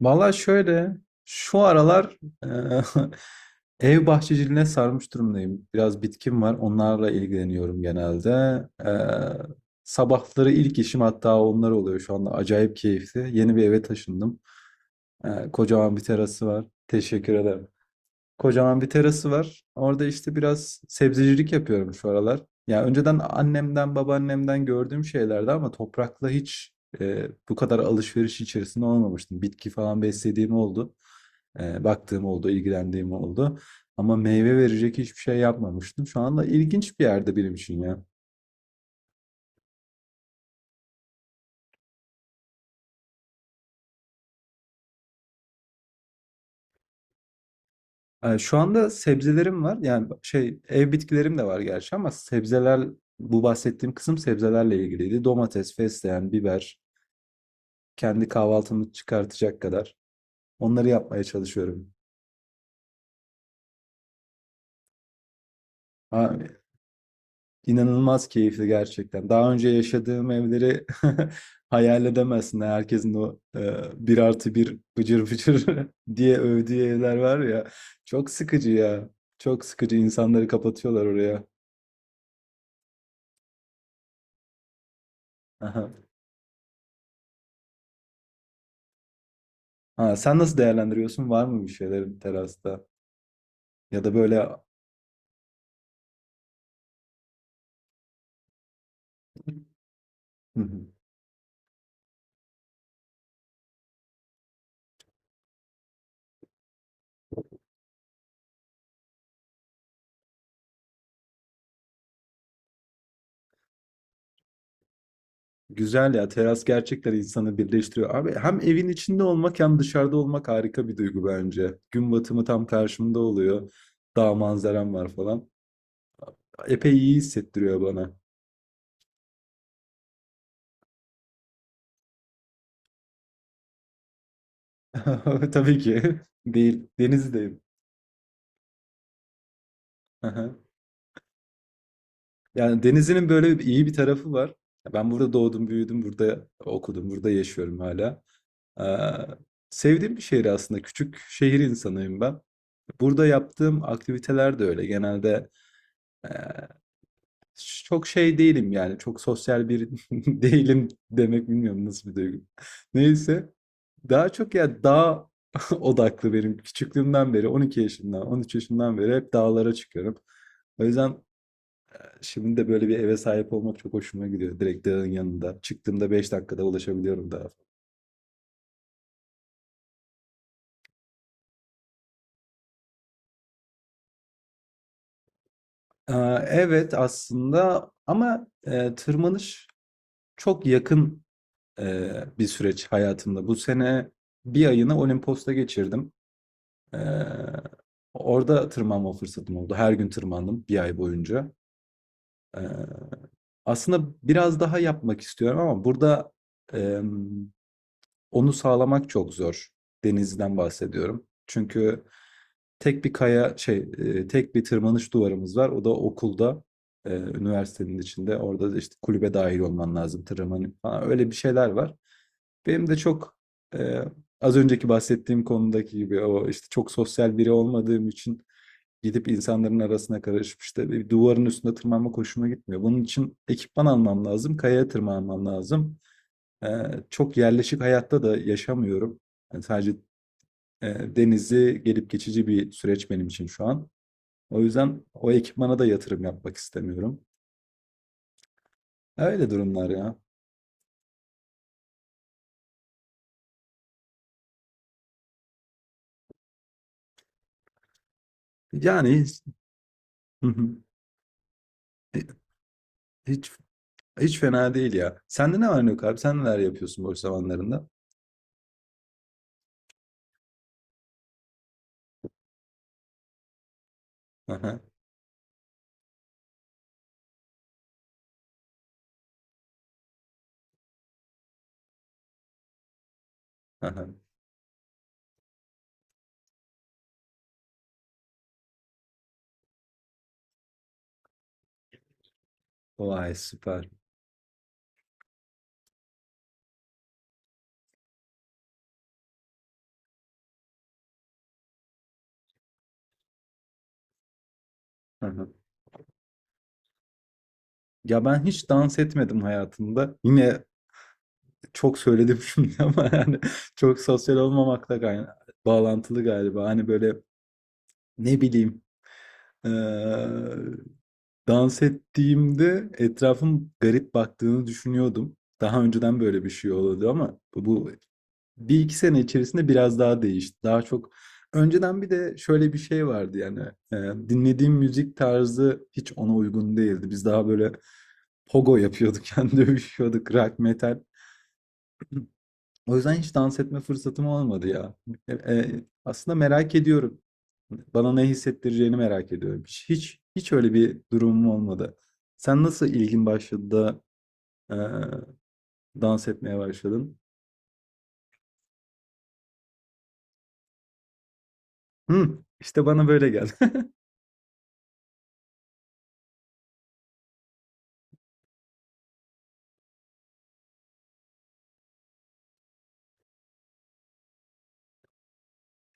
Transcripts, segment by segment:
Valla şöyle, şu aralar eee, ev bahçeciliğine sarmış durumdayım. Biraz bitkim var, onlarla ilgileniyorum genelde. Sabahları ilk işim hatta onlar oluyor şu anda. Acayip keyifli. Yeni bir eve taşındım. Kocaman bir terası var. Teşekkür ederim. Kocaman bir terası var. Orada işte biraz sebzecilik yapıyorum şu aralar. Ya önceden annemden, babaannemden gördüğüm şeylerdi ama toprakla hiç bu kadar alışveriş içerisinde olmamıştım. Bitki falan beslediğim oldu. Baktığım oldu, ilgilendiğim oldu. Ama meyve verecek hiçbir şey yapmamıştım. Şu anda ilginç bir yerde benim için ya. Şu anda sebzelerim var. Yani şey ev bitkilerim de var gerçi ama sebzeler bu bahsettiğim kısım sebzelerle ilgiliydi. Domates, fesleğen, biber, kendi kahvaltımı çıkartacak kadar. Onları yapmaya çalışıyorum. Ha, inanılmaz keyifli gerçekten. Daha önce yaşadığım evleri hayal edemezsin. Herkesin o bir artı bir bıcır bıcır diye övdüğü evler var ya. Çok sıkıcı ya. Çok sıkıcı. İnsanları kapatıyorlar oraya. Aha. Ha, sen nasıl değerlendiriyorsun? Var mı bir şeylerin terasta? Ya da böyle... Hı hı. Güzel ya teras gerçekten insanı birleştiriyor. Abi hem evin içinde olmak hem dışarıda olmak harika bir duygu bence. Gün batımı tam karşımda oluyor. Dağ manzaram var falan. Epey iyi hissettiriyor bana. Tabii ki değil. Denizdeyim. Aha. Yani denizinin böyle bir- iyi bir tarafı var. Ben burada doğdum, büyüdüm, burada okudum, burada yaşıyorum hala. Ee, sevdiğim bir şehir aslında. Küçük şehir insanıyım ben. Burada yaptığım aktiviteler de öyle. Genelde çok şey değilim yani. Çok sosyal bir değilim demek bilmiyorum nasıl bir duygu. Neyse. Daha çok ya dağ odaklı benim. Küçüklüğümden beri 12 yaşından 13 yaşından beri hep dağlara çıkıyorum. O yüzden şimdi de böyle bir eve sahip olmak çok hoşuma gidiyor. Direkt dağın yanında. Çıktığımda beş dakikada ulaşabiliyorum dağa. Aa, evet aslında ama tırmanış çok yakın e, bir süreç hayatımda. Bu sene bir ayını Olimpos'ta geçirdim. Ee, orada tırmanma fırsatım oldu. Her gün tırmandım bir ay boyunca. Ee, aslında biraz daha yapmak istiyorum ama burada em, onu sağlamak çok zor. Denizden bahsediyorum. Çünkü tek bir kaya şey tek bir tırmanış duvarımız var. O da okulda üniversitenin içinde. Orada da işte kulübe dahil olman lazım tırmanın falan. Öyle bir şeyler var. Benim de çok e, az önceki bahsettiğim konudaki gibi o işte çok sosyal biri olmadığım için gidip insanların arasına karışıp işte bir duvarın üstüne tırmanmak hoşuma gitmiyor. Bunun için ekipman almam lazım, kayaya tırmanmam lazım. Ee, çok yerleşik hayatta da yaşamıyorum. Yani sadece denizi gelip geçici bir süreç benim için şu an. O yüzden o ekipmana da yatırım yapmak istemiyorum. Öyle durumlar ya. Yani hiç, hiç hiç fena değil ya. Sende ne var ne yok abi? Sen neler yapıyorsun boş zamanlarında? Aha, aha. Vay süper. Aha. Ya ben hiç dans etmedim hayatımda. Yine çok söyledim şimdi ama yani çok sosyal olmamakla gayna- bağlantılı galiba. Hani böyle ne bileyim Eee, dans ettiğimde etrafım garip baktığını düşünüyordum. Daha önceden böyle bir şey oluyordu ama bu bir iki sene içerisinde biraz daha değişti. Daha çok önceden bir de şöyle bir şey vardı yani dinlediğim müzik tarzı hiç ona uygun değildi. Biz daha böyle pogo yapıyorduk, yani dövüşüyorduk, rock metal. O yüzden hiç dans etme fırsatım olmadı ya. Aslında merak ediyorum. Bana ne hissettireceğini merak ediyorum. Hiç öyle bir durumum olmadı. Sen nasıl ilgin başladı da e, dans etmeye başladın? Hı, işte bana böyle geldi.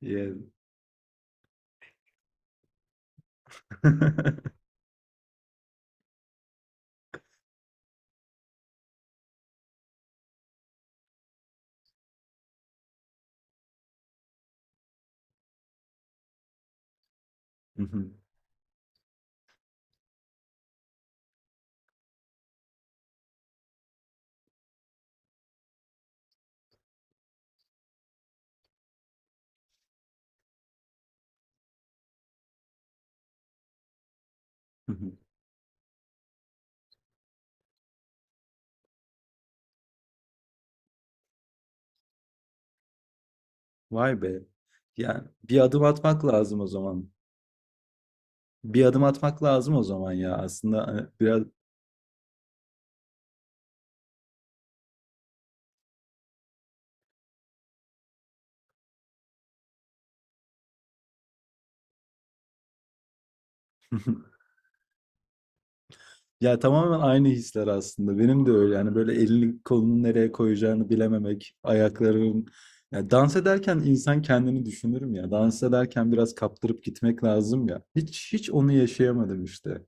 Yeah. Hı hı. Hı hı. Vay be. Yani bir adım atmak lazım o zaman. Bir adım atmak lazım o zaman ya aslında hani biraz ya tamamen aynı hisler aslında benim de öyle yani böyle elini kolunu nereye koyacağını bilememek ayakların ya dans ederken insan kendini düşünürüm ya dans ederken biraz kaptırıp gitmek lazım ya hiç onu yaşayamadım işte.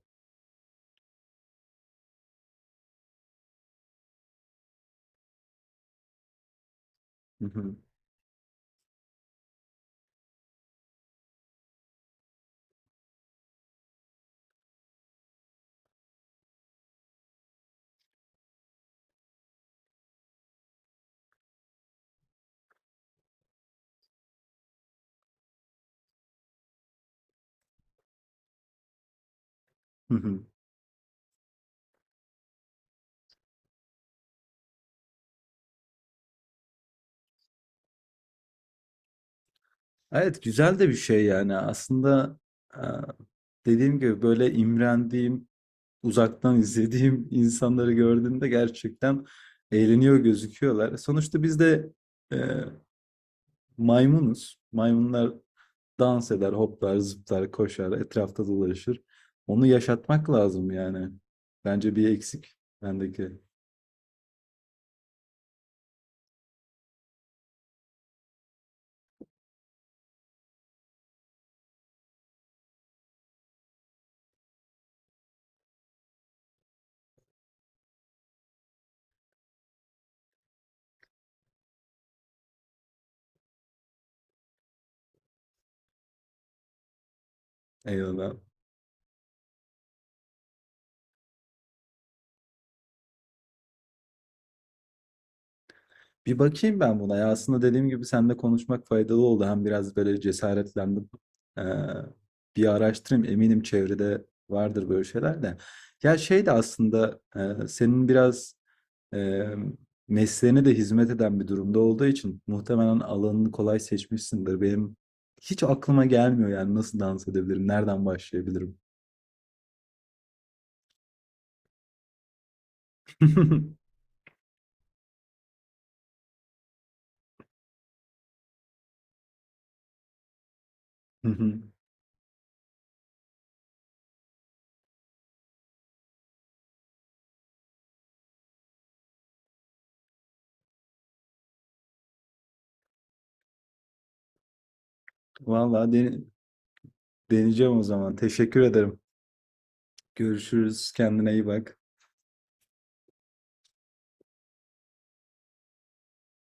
Hı hı, hı hı. Evet güzel de bir şey yani aslında e, dediğim gibi böyle imrendiğim uzaktan izlediğim insanları gördüğümde gerçekten eğleniyor gözüküyorlar. Sonuçta biz de e, maymunuz. Maymunlar dans eder, hoplar, zıplar, koşar, etrafta dolaşır. Onu yaşatmak lazım yani. Bence bir eksik bendeki. Eyvallah. Bir bakayım ben buna. Ya aslında dediğim gibi seninle konuşmak faydalı oldu. Hem biraz böyle cesaretlendim. Ee, bir araştırayım. Eminim çevrede vardır böyle şeyler de. Ya şey de aslında senin biraz eee, mesleğine de hizmet eden bir durumda olduğu için muhtemelen alanını kolay seçmişsindir. Benim hiç aklıma gelmiyor yani nasıl dans edebilirim, nereden başlayabilirim? Vallahi dene- deneyeceğim o zaman. Teşekkür ederim. Görüşürüz. Kendine iyi bak.